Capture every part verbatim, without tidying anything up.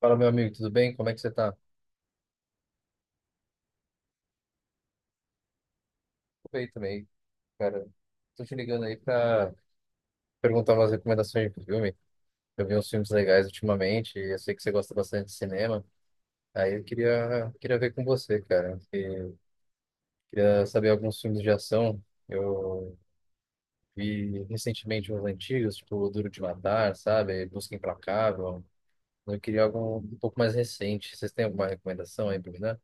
Fala, meu amigo, tudo bem? Como é que você tá? Tudo bem também, cara. Tô te ligando aí pra perguntar umas recomendações de filme. Eu vi uns filmes legais ultimamente e eu sei que você gosta bastante de cinema. Aí eu queria, queria ver com você, cara. E queria saber alguns filmes de ação. Eu vi recentemente uns antigos, tipo Duro de Matar, sabe? Busca Implacável. Eu queria algo um pouco mais recente. Vocês têm alguma recomendação aí pra me dar?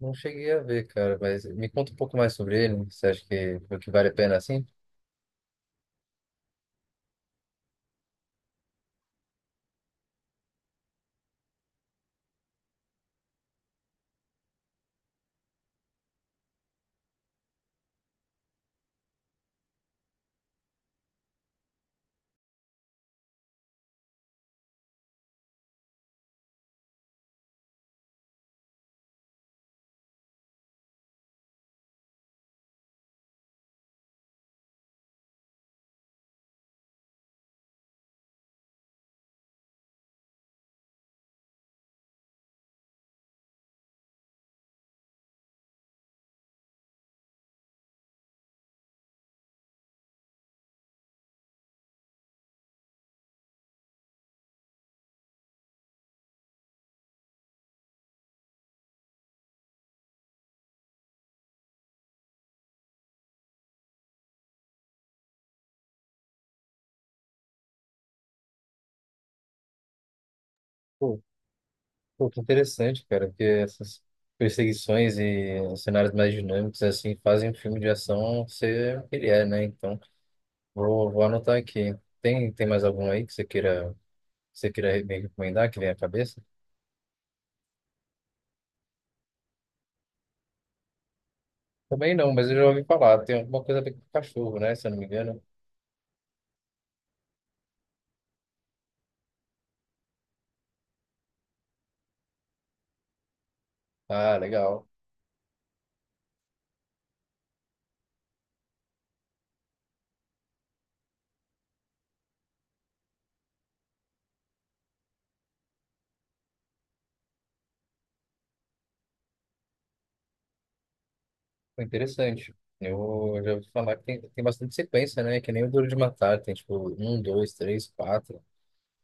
Não cheguei a ver, cara, mas me conta um pouco mais sobre ele. Você acha que, que vale a pena assim? Pô, Pô, que interessante, cara, porque essas perseguições e cenários mais dinâmicos, assim, fazem o filme de ação ser o que ele é, né? Então, vou, vou anotar aqui. Tem, tem mais algum aí que você queira, que você queira me recomendar, que vem à cabeça? Também não, mas eu já ouvi falar. Tem alguma coisa a ver com cachorro, né? Se eu não me engano. Ah, legal. Foi interessante. Eu já ouvi falar que tem, tem bastante sequência, né? Que nem o Duro de Matar. Tem, tipo, um, dois, três, quatro.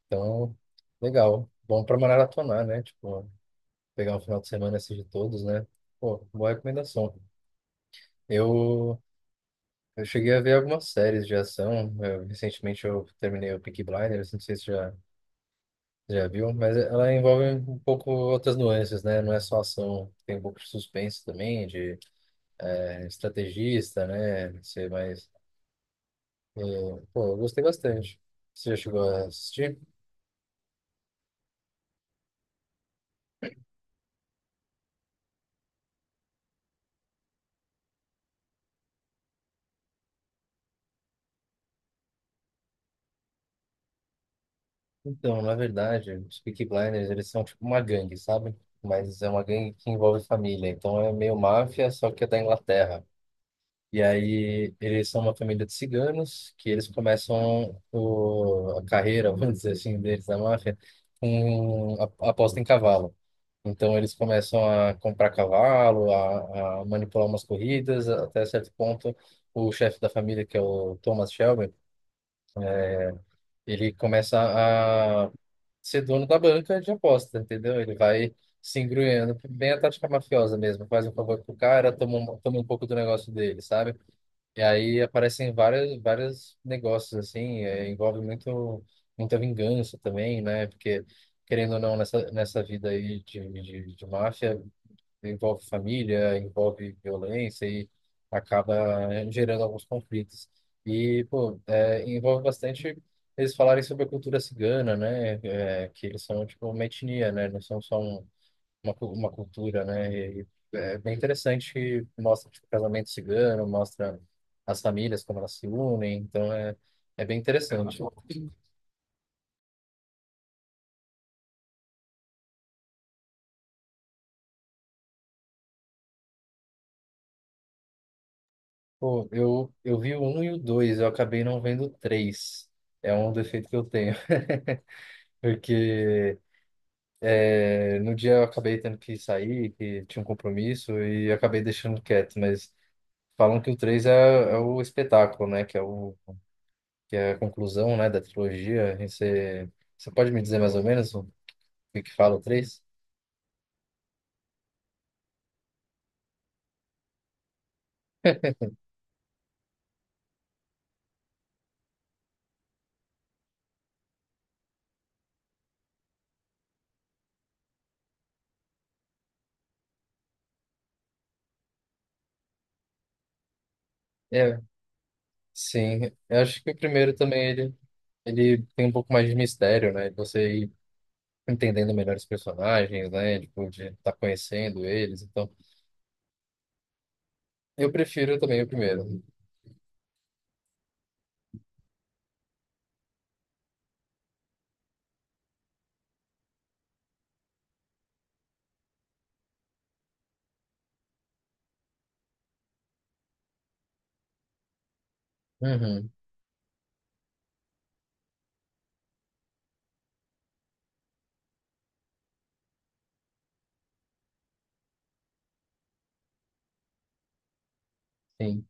Então, legal. Bom pra maratonar, né? Tipo, pegar o final de semana e assistir todos, né? Pô, boa recomendação. Eu, eu cheguei a ver algumas séries de ação. Eu- recentemente eu terminei o Peaky Blinders, não sei se já, já viu, mas ela envolve um pouco outras nuances, né? Não é só ação, tem um pouco de suspense também, de é, estrategista, né? Não sei, mas é, pô, eu gostei bastante. Você já chegou a assistir? Então, na verdade, os Peaky Blinders, eles são tipo uma gangue, sabe? Mas é uma gangue que envolve família, então é meio máfia, só que é da Inglaterra. E aí eles são uma família de ciganos que eles começam o, a carreira, vamos dizer assim, deles da máfia, com a- aposta em cavalo. Então eles começam a comprar cavalo, a, a manipular umas corridas, até certo ponto o chefe da família, que é o Thomas Shelby, ele começa a ser dono da banca de aposta, entendeu? Ele vai se engruendo, bem a tática mafiosa mesmo, faz um favor pro cara, toma um, toma um pouco do negócio dele, sabe? E aí aparecem várias, vários negócios assim, é, envolve muito, muita vingança também, né? Porque, querendo ou não, nessa, nessa vida aí de, de, de máfia, envolve família, envolve violência e acaba eh, gerando alguns conflitos. E, pô, é, envolve bastante eles falarem sobre a cultura cigana, né? É, que eles são, tipo, uma etnia, né? Não são só um, uma, cu- uma cultura, né? E é bem interessante, que mostra tipo, o casamento cigano, mostra as famílias como elas se unem, então é, é bem interessante. Pô, eu, eu vi o um e o dois, eu acabei não vendo o três. É um defeito que eu tenho, porque é, no dia eu acabei tendo que sair, que tinha um compromisso, e acabei deixando quieto, mas falam que o três é, é o espetáculo, né? Que é, o, que é a conclusão, né, da trilogia. E você, você pode me dizer mais ou menos que que fala o três? É, sim. Eu acho que o primeiro também ele, ele tem um pouco mais de mistério, né? De você ir entendendo melhor os personagens, né? Tipo, de estar conhecendo eles. Então, eu prefiro também o primeiro. Uhum, sim.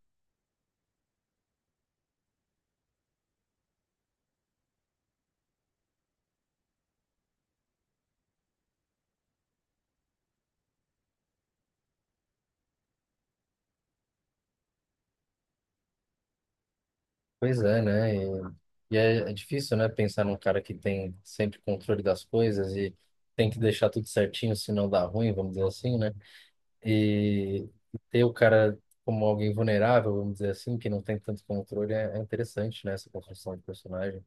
Pois é, né? E, e é, é difícil, né? Pensar num cara que tem sempre controle das coisas e tem que deixar tudo certinho, senão dá ruim, vamos dizer assim, né? E ter o cara como alguém vulnerável, vamos dizer assim, que não tem tanto controle, é, é interessante, né? Essa construção de personagem.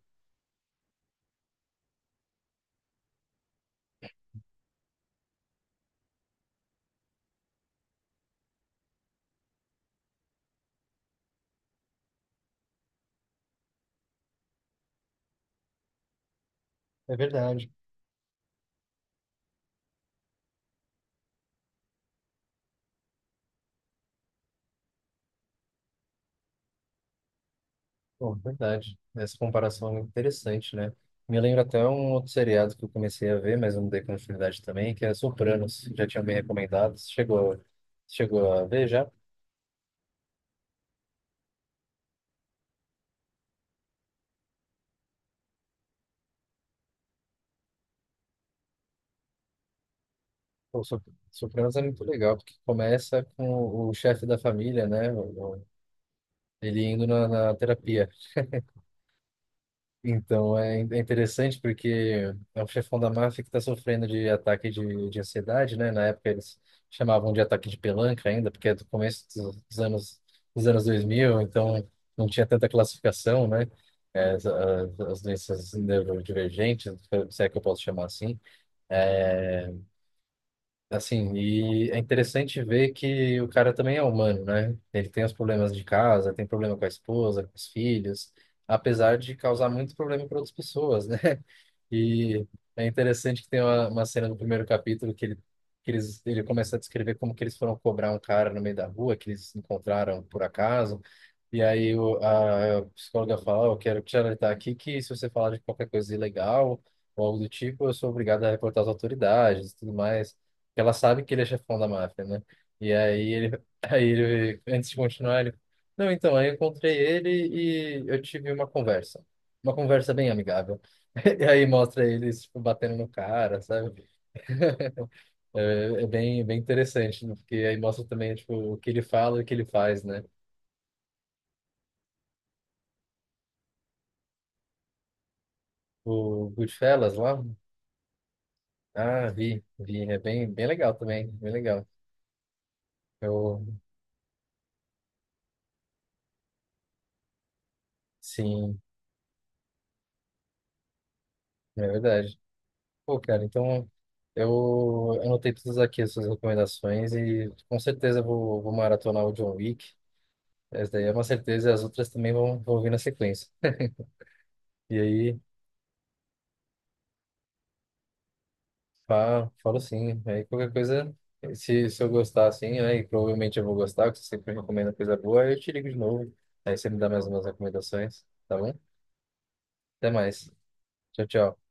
É verdade. Pô, verdade. Essa comparação é interessante, né? Me lembra até um outro seriado que eu comecei a ver, mas eu não dei continuidade também, que é Sopranos. Já tinha me recomendado. Você Chegou, a- chegou a ver já? Pô, Sop- Sopranos é muito legal, porque começa com o chefe da família, né? o- o- Ele indo na, na terapia. Então, é, é interessante porque é um chefão da máfia que está sofrendo de ataque de, de ansiedade, né? Na época eles chamavam de ataque de pelanca ainda, porque é do começo dos, dos anos, dos anos dois mil, então não tinha tanta classificação, né? É, As, as, as doenças neurodivergentes, se é que eu posso chamar assim. Assim, e é interessante ver que o cara também é humano, né? Ele tem os problemas de casa, tem problema com a esposa, com os filhos, apesar de causar muito problema para outras pessoas, né? E é interessante que tem uma, uma cena no primeiro capítulo que ele, que eles, ele começa a descrever como que eles foram cobrar um cara no meio da rua, que eles encontraram por acaso. E aí o, a psicóloga fala: "Ó, eu quero te alertar aqui que se você falar de qualquer coisa ilegal ou algo do tipo, eu sou obrigado a reportar as autoridades e tudo mais." Porque ela sabe que ele é chefão da máfia, né? E aí ele, aí ele, antes de continuar, ele, não, então, aí eu encontrei ele e eu tive uma conversa. Uma conversa bem amigável. E aí mostra eles, tipo, batendo no cara, sabe? É, é bem, bem interessante, né? Porque aí mostra também, tipo, o que ele fala e o que ele faz, né? O Goodfellas lá? Ah, vi, vi. É bem, bem legal também, bem legal. Eu, sim, é verdade. Pô, cara, então eu anotei todas aqui as suas recomendações e com certeza eu vou, vou maratonar o John Wick. Essa daí é uma certeza, e as outras também vão, vão vir na sequência. E aí, fa- falo sim. Aí qualquer coisa, se, se eu gostar assim, né, e provavelmente eu vou gostar, porque você sempre recomenda coisa boa, aí eu te ligo de novo. Aí você me dá mais umas recomendações, tá bom? Até mais. Tchau, tchau.